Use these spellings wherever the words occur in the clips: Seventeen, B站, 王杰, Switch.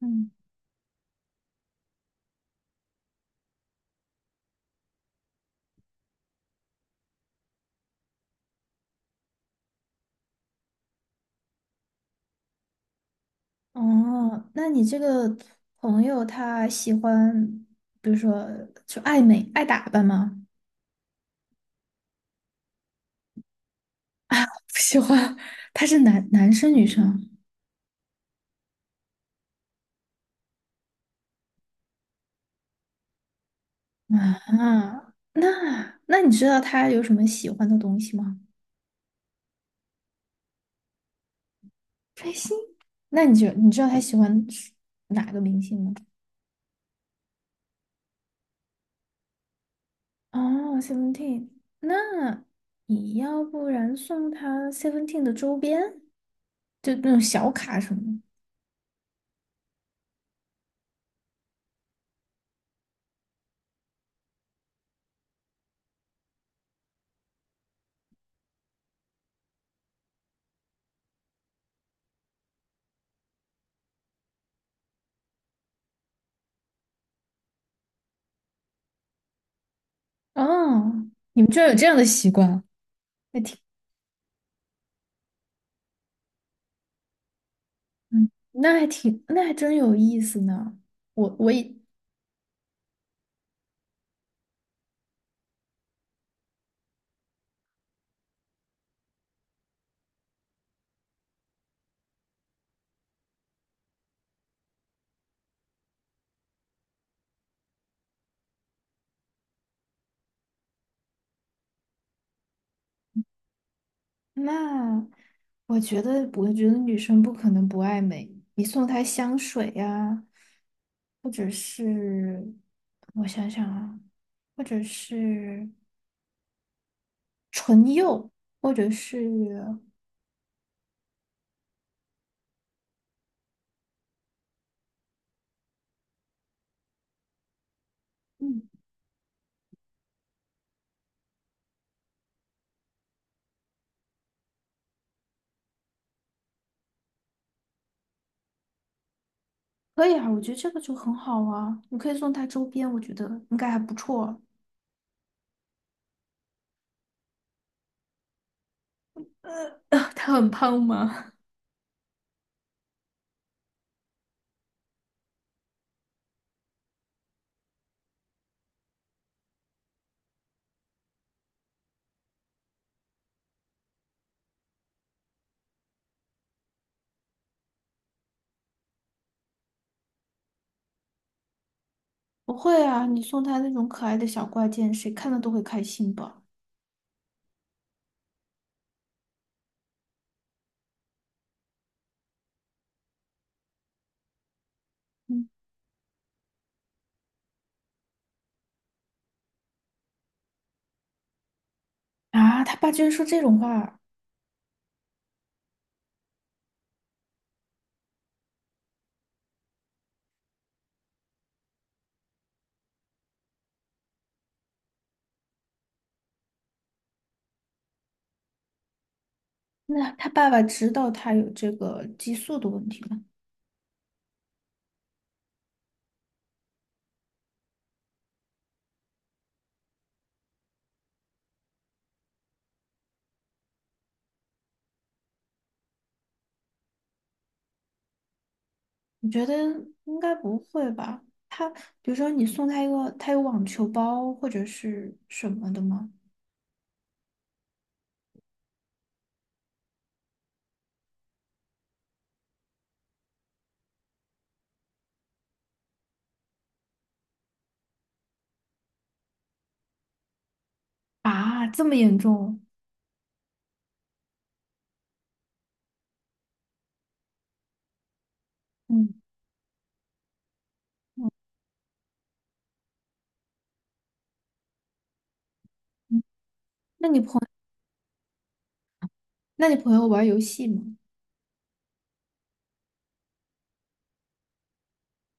嗯，哦，那你这个朋友他喜欢，比如说就爱美、爱打扮吗？不喜欢，他是男生女生啊？那你知道他有什么喜欢的东西吗？追星？那你知道他喜欢哪个明星吗？哦，Seventeen，那你要不然送他 Seventeen 的周边，就那种小卡什么的。哦，你们居然有这样的习惯。那挺。嗯，那还真有意思呢。我我也那，我觉得女生不可能不爱美。你送她香水呀、或者是我想想啊，或者是唇釉，或者是嗯，可以啊，我觉得这个就很好啊。你可以送她周边，我觉得应该还不错。她很胖吗？不会啊，你送她那种可爱的小挂件，谁看了都会开心吧。嗯。啊，他爸居然说这种话，那他爸爸知道他有这个激素的问题吗？我觉得应该不会吧。他比如说你送他一个，他有网球包或者是什么的吗？啊，这么严重？嗯，嗯那你朋那你朋友玩游戏吗？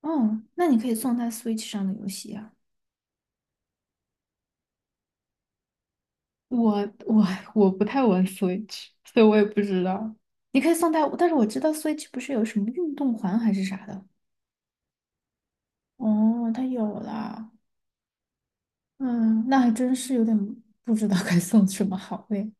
哦，那你可以送他 Switch 上的游戏啊。我我我不太玩 Switch，所以我也不知道。你可以送他，但是我知道 Switch 不是有什么运动环还是啥的。哦，他有了。嗯，那还真是有点不知道该送什么好嘞。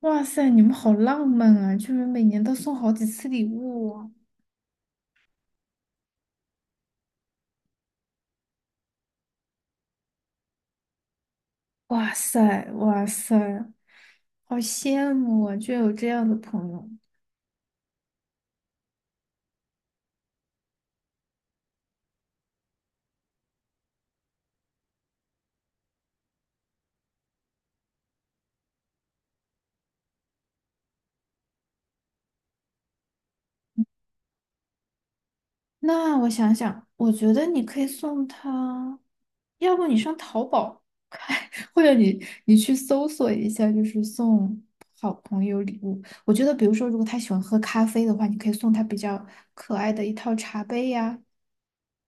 哇塞，你们好浪漫啊，居然每年都送好几次礼物啊！哇塞，哇塞，好羡慕啊，居然有这样的朋友。那我想想，我觉得你可以送他，要不你上淘宝看，或者你去搜索一下，就是送好朋友礼物。我觉得，比如说，如果他喜欢喝咖啡的话，你可以送他比较可爱的一套茶杯呀、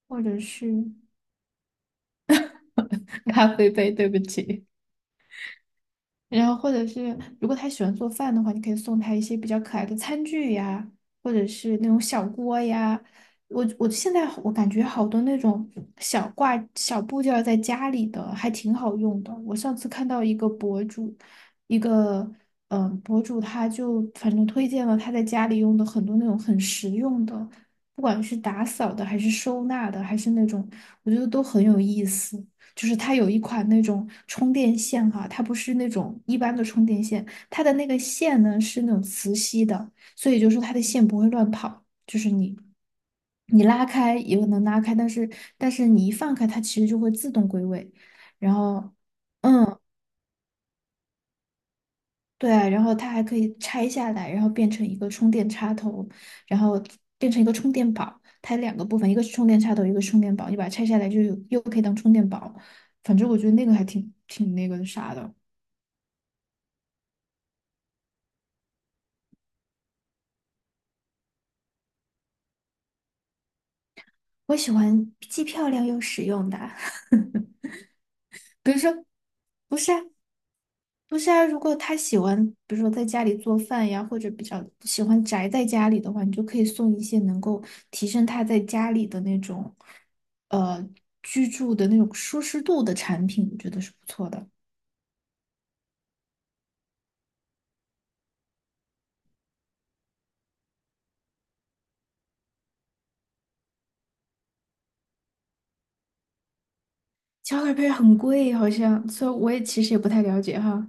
或者是 咖啡杯，对不起。然后或者是如果他喜欢做饭的话，你可以送他一些比较可爱的餐具呀，或者是那种小锅呀。我现在我感觉好多那种小部件儿在家里的还挺好用的。我上次看到一个博主，一个他就反正推荐了他在家里用的很多那种很实用的，不管是打扫的还是收纳的，还是那种我觉得都很有意思。就是它有一款那种充电线哈、它不是那种一般的充电线，它的那个线呢是那种磁吸的，所以就是它的线不会乱跑，就是你拉开也能拉开，但是你一放开它其实就会自动归位，然后嗯对啊，然后它还可以拆下来，然后变成一个充电插头，然后变成一个充电宝，它有两个部分，一个是充电插头，一个是充电宝，你把它拆下来就又可以当充电宝，反正我觉得那个还挺那个啥的。我喜欢既漂亮又实用的，比如说，不是啊，不是啊，如果他喜欢，比如说在家里做饭呀，或者比较喜欢宅在家里的话，你就可以送一些能够提升他在家里的那种，呃，居住的那种舒适度的产品，我觉得是不错的。小卡力配很贵，好像，所以我也其实也不太了解哈。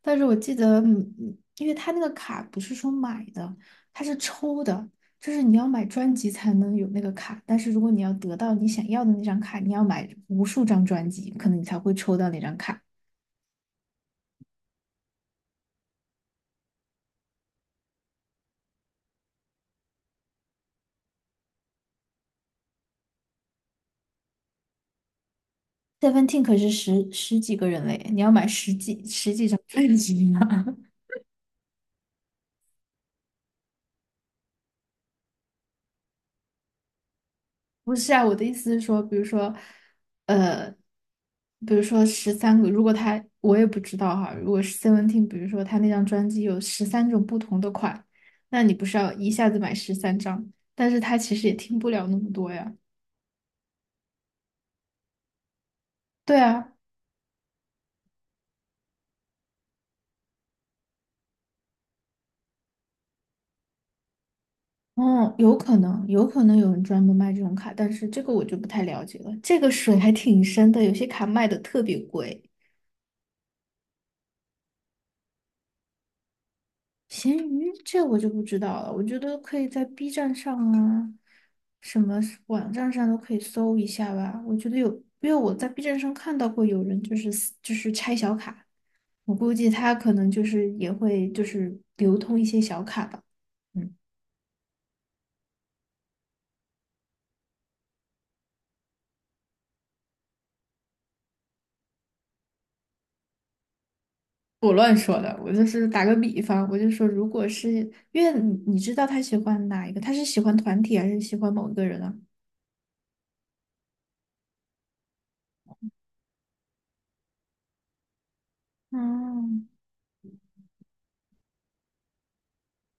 但是我记得，嗯，因为他那个卡不是说买的，它是抽的，就是你要买专辑才能有那个卡。但是如果你要得到你想要的那张卡，你要买无数张专辑，可能你才会抽到那张卡。Seventeen 可是十几个人嘞，你要买十几张专辑呢。不是啊，我的意思是说，比如说，呃，十三个，如果他我也不知道哈，如果是 Seventeen，比如说他那张专辑有13种不同的款，那你不是要一下子买13张？但是他其实也听不了那么多呀。对啊，嗯，有可能有人专门卖这种卡，但是这个我就不太了解了。这个水还挺深的，有些卡卖的特别贵。闲鱼这我就不知道了，我觉得可以在 B 站上啊，什么是网站上都可以搜一下吧。我觉得有，因为我在 B 站上看到过有人就是撕就是拆小卡，我估计他可能就是也会就是流通一些小卡吧。嗯，我乱说的，我就是打个比方，我就说，如果是因为你知道他喜欢哪一个，他是喜欢团体还是喜欢某一个人啊？嗯。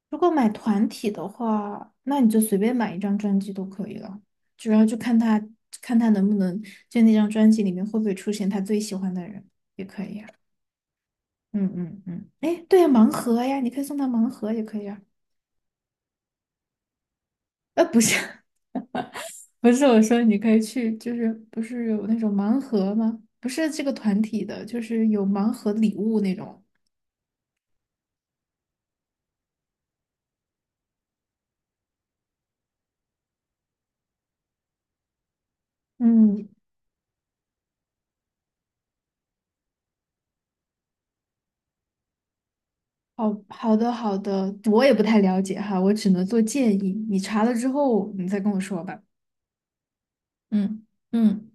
如果买团体的话，那你就随便买一张专辑都可以了，主要就看他能不能就那张专辑里面会不会出现他最喜欢的人，也可以啊。嗯嗯嗯，哎，对呀，盲盒呀，你可以送他盲盒也可以啊。不是 不是，我说你可以去，就是不是有那种盲盒吗？不是这个团体的，就是有盲盒礼物那种。嗯，好的，我也不太了解哈，我只能做建议。你查了之后，你再跟我说吧。嗯嗯。